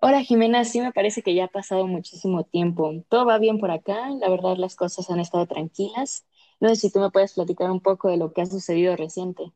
Hola Jimena, sí me parece que ya ha pasado muchísimo tiempo. Todo va bien por acá, la verdad las cosas han estado tranquilas. No sé si tú me puedes platicar un poco de lo que ha sucedido reciente.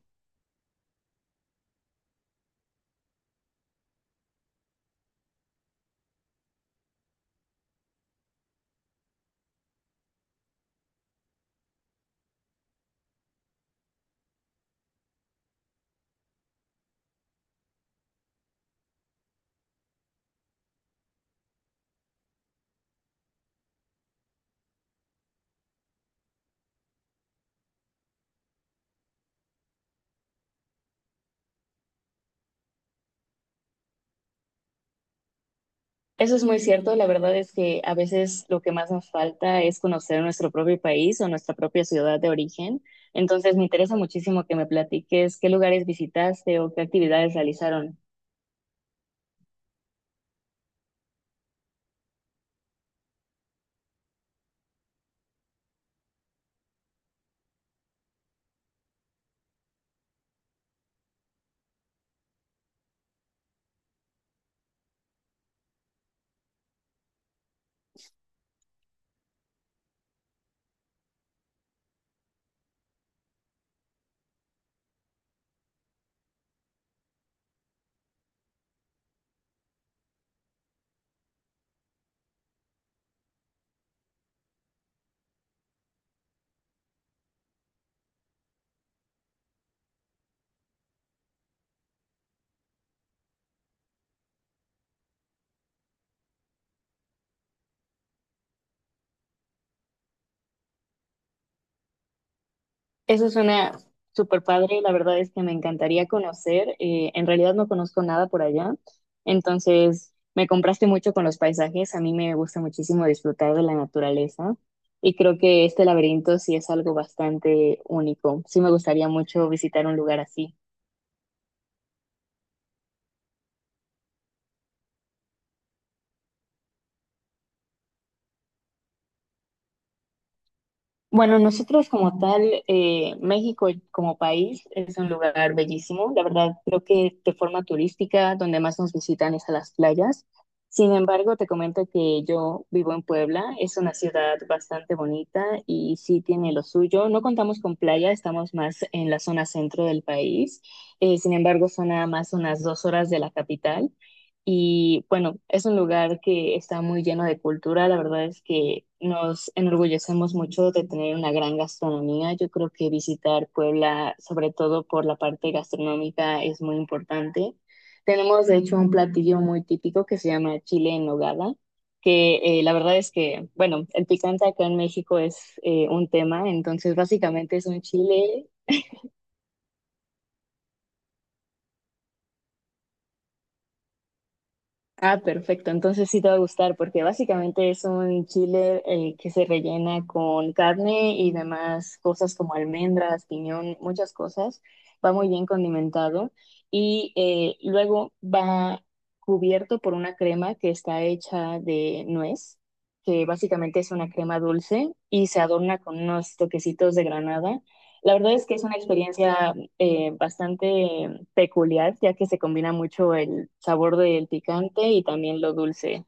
Eso es muy cierto, la verdad es que a veces lo que más nos falta es conocer nuestro propio país o nuestra propia ciudad de origen. Entonces me interesa muchísimo que me platiques qué lugares visitaste o qué actividades realizaron. Eso suena súper padre, la verdad es que me encantaría conocer, en realidad no conozco nada por allá, entonces me compraste mucho con los paisajes. A mí me gusta muchísimo disfrutar de la naturaleza y creo que este laberinto sí es algo bastante único. Sí me gustaría mucho visitar un lugar así. Bueno, nosotros como tal, México como país es un lugar bellísimo. La verdad, creo que de forma turística, donde más nos visitan es a las playas. Sin embargo, te comento que yo vivo en Puebla. Es una ciudad bastante bonita y sí tiene lo suyo. No contamos con playa, estamos más en la zona centro del país. Sin embargo, son nada más unas dos horas de la capital. Y bueno, es un lugar que está muy lleno de cultura. La verdad es que nos enorgullecemos mucho de tener una gran gastronomía. Yo creo que visitar Puebla, sobre todo por la parte gastronómica, es muy importante. Tenemos, de hecho, un platillo muy típico que se llama chile en nogada, que la verdad es que, bueno, el picante acá en México es un tema. Entonces, básicamente es un chile. Ah, perfecto. Entonces sí te va a gustar porque básicamente es un chile que se rellena con carne y demás cosas como almendras, piñón, muchas cosas. Va muy bien condimentado y luego va cubierto por una crema que está hecha de nuez, que básicamente es una crema dulce y se adorna con unos toquecitos de granada. La verdad es que es una experiencia bastante peculiar, ya que se combina mucho el sabor del picante y también lo dulce.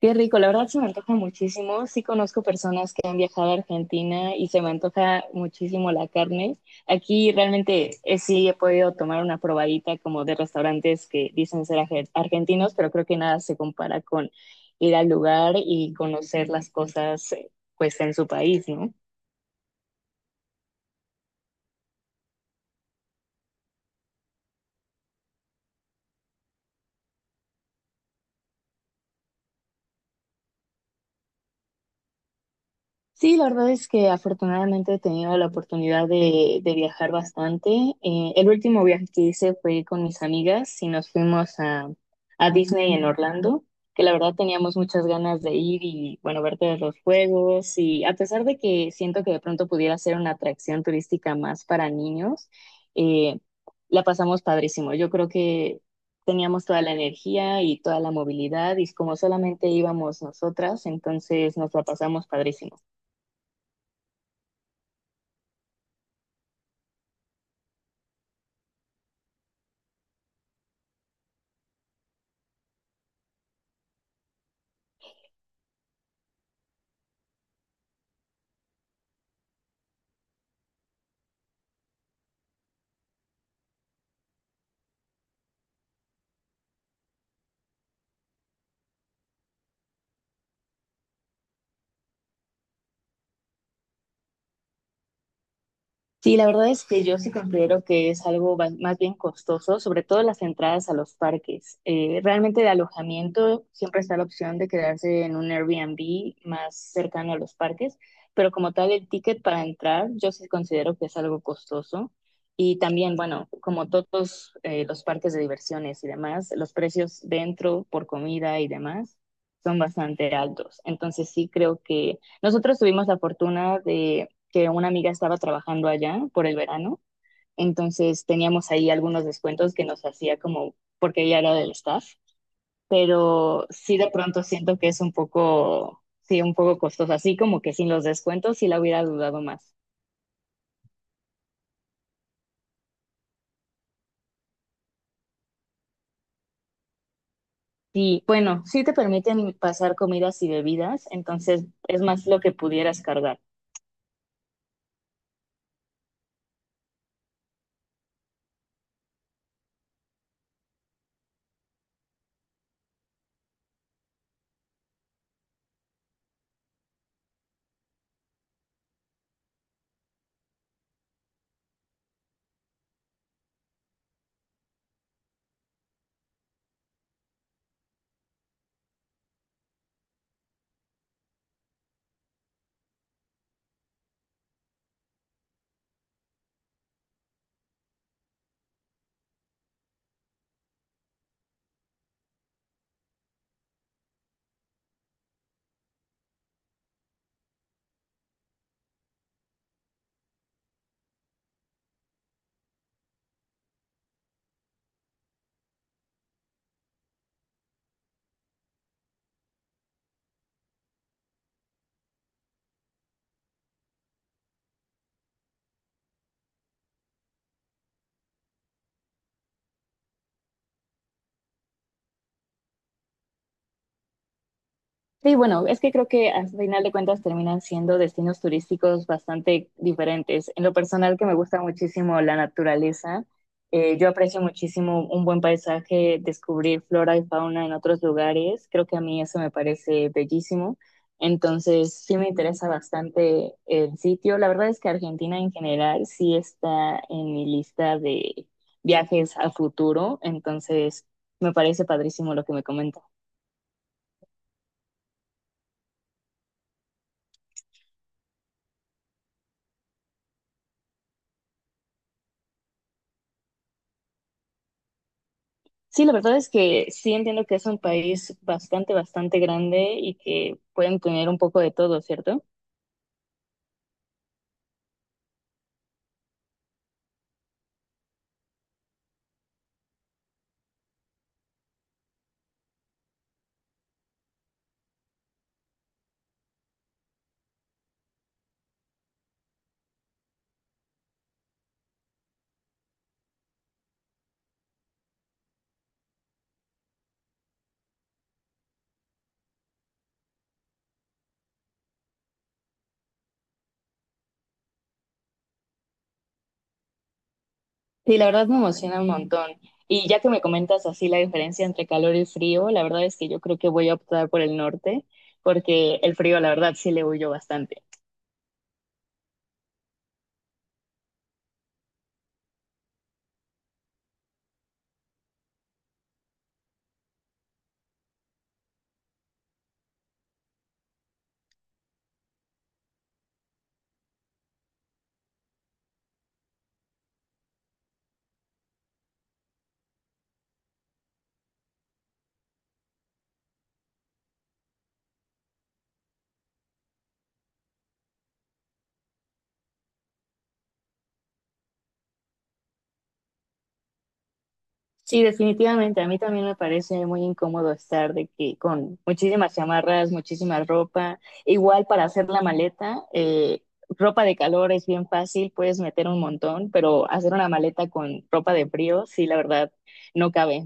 Qué rico, la verdad se me antoja muchísimo. Sí conozco personas que han viajado a Argentina y se me antoja muchísimo la carne. Aquí realmente sí he podido tomar una probadita como de restaurantes que dicen ser argentinos, pero creo que nada se compara con ir al lugar y conocer las cosas pues en su país, ¿no? Sí, la verdad es que afortunadamente he tenido la oportunidad de viajar bastante. El último viaje que hice fue con mis amigas y nos fuimos a Disney en Orlando, que la verdad teníamos muchas ganas de ir y, bueno, ver todos los juegos. Y a pesar de que siento que de pronto pudiera ser una atracción turística más para niños, eh, la pasamos padrísimo. Yo creo que teníamos toda la energía y toda la movilidad y como solamente íbamos nosotras, entonces nos la pasamos padrísimo. Sí, la verdad es que yo sí considero que es algo más bien costoso, sobre todo las entradas a los parques. Realmente de alojamiento siempre está la opción de quedarse en un Airbnb más cercano a los parques, pero como tal el ticket para entrar yo sí considero que es algo costoso. Y también, bueno, como todos los parques de diversiones y demás, los precios dentro por comida y demás son bastante altos. Entonces sí creo que nosotros tuvimos la fortuna que una amiga estaba trabajando allá por el verano, entonces teníamos ahí algunos descuentos que nos hacía como porque ella era del staff, pero sí de pronto siento que es un poco, sí, un poco costoso, así como que sin los descuentos sí la hubiera dudado más. Sí, bueno, sí te permiten pasar comidas y bebidas, entonces es más lo que pudieras cargar. Sí, bueno, es que creo que al final de cuentas terminan siendo destinos turísticos bastante diferentes. En lo personal que me gusta muchísimo la naturaleza, yo aprecio muchísimo un buen paisaje, descubrir flora y fauna en otros lugares, creo que a mí eso me parece bellísimo. Entonces, sí me interesa bastante el sitio. La verdad es que Argentina en general sí está en mi lista de viajes al futuro, entonces me parece padrísimo lo que me comentas. Sí, la verdad es que sí entiendo que es un país bastante, bastante grande y que pueden tener un poco de todo, ¿cierto? Sí, la verdad me emociona un montón. Y ya que me comentas así la diferencia entre calor y frío, la verdad es que yo creo que voy a optar por el norte, porque el frío, la verdad, sí le huyo bastante. Sí, definitivamente. A mí también me parece muy incómodo estar de que con muchísimas chamarras, muchísima ropa. Igual para hacer la maleta, ropa de calor es bien fácil, puedes meter un montón, pero hacer una maleta con ropa de frío, sí, la verdad, no cabe.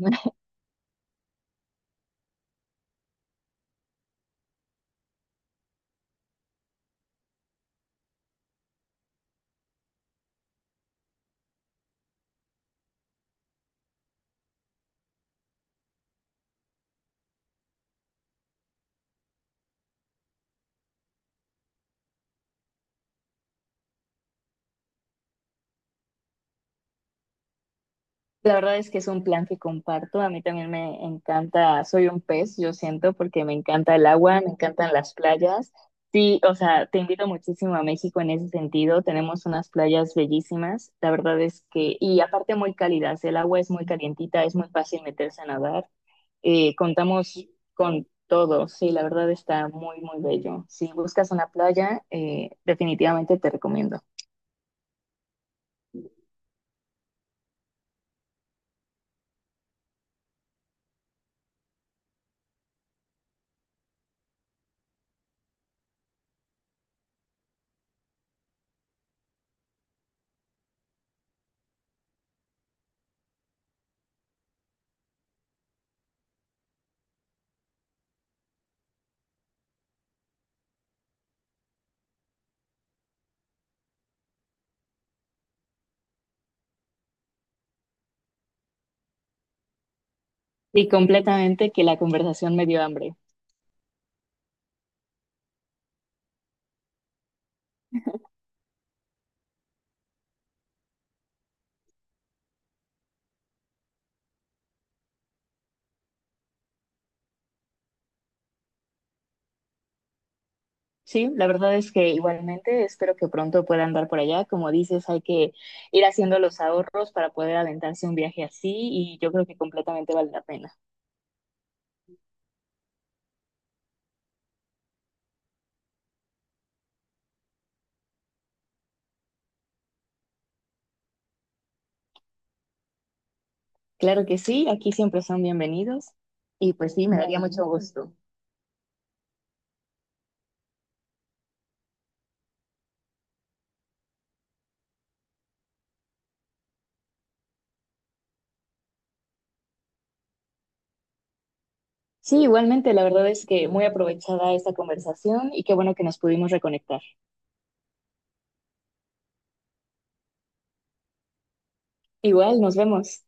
La verdad es que es un plan que comparto. A mí también me encanta, soy un pez, yo siento, porque me encanta el agua, me encantan las playas. Sí, o sea, te invito muchísimo a México en ese sentido. Tenemos unas playas bellísimas. La verdad es que, y aparte muy cálidas, el agua es muy calientita, es muy fácil meterse a nadar. Contamos con todo, sí, la verdad está muy, muy bello. Si buscas una playa, definitivamente te recomiendo. Y completamente que la conversación me dio hambre. Sí, la verdad es que igualmente espero que pronto pueda andar por allá. Como dices, hay que ir haciendo los ahorros para poder aventarse un viaje así y yo creo que completamente vale la pena. Claro que sí, aquí siempre son bienvenidos y pues sí, me daría mucho gusto. Sí, igualmente, la verdad es que muy aprovechada esta conversación y qué bueno que nos pudimos reconectar. Igual, nos vemos.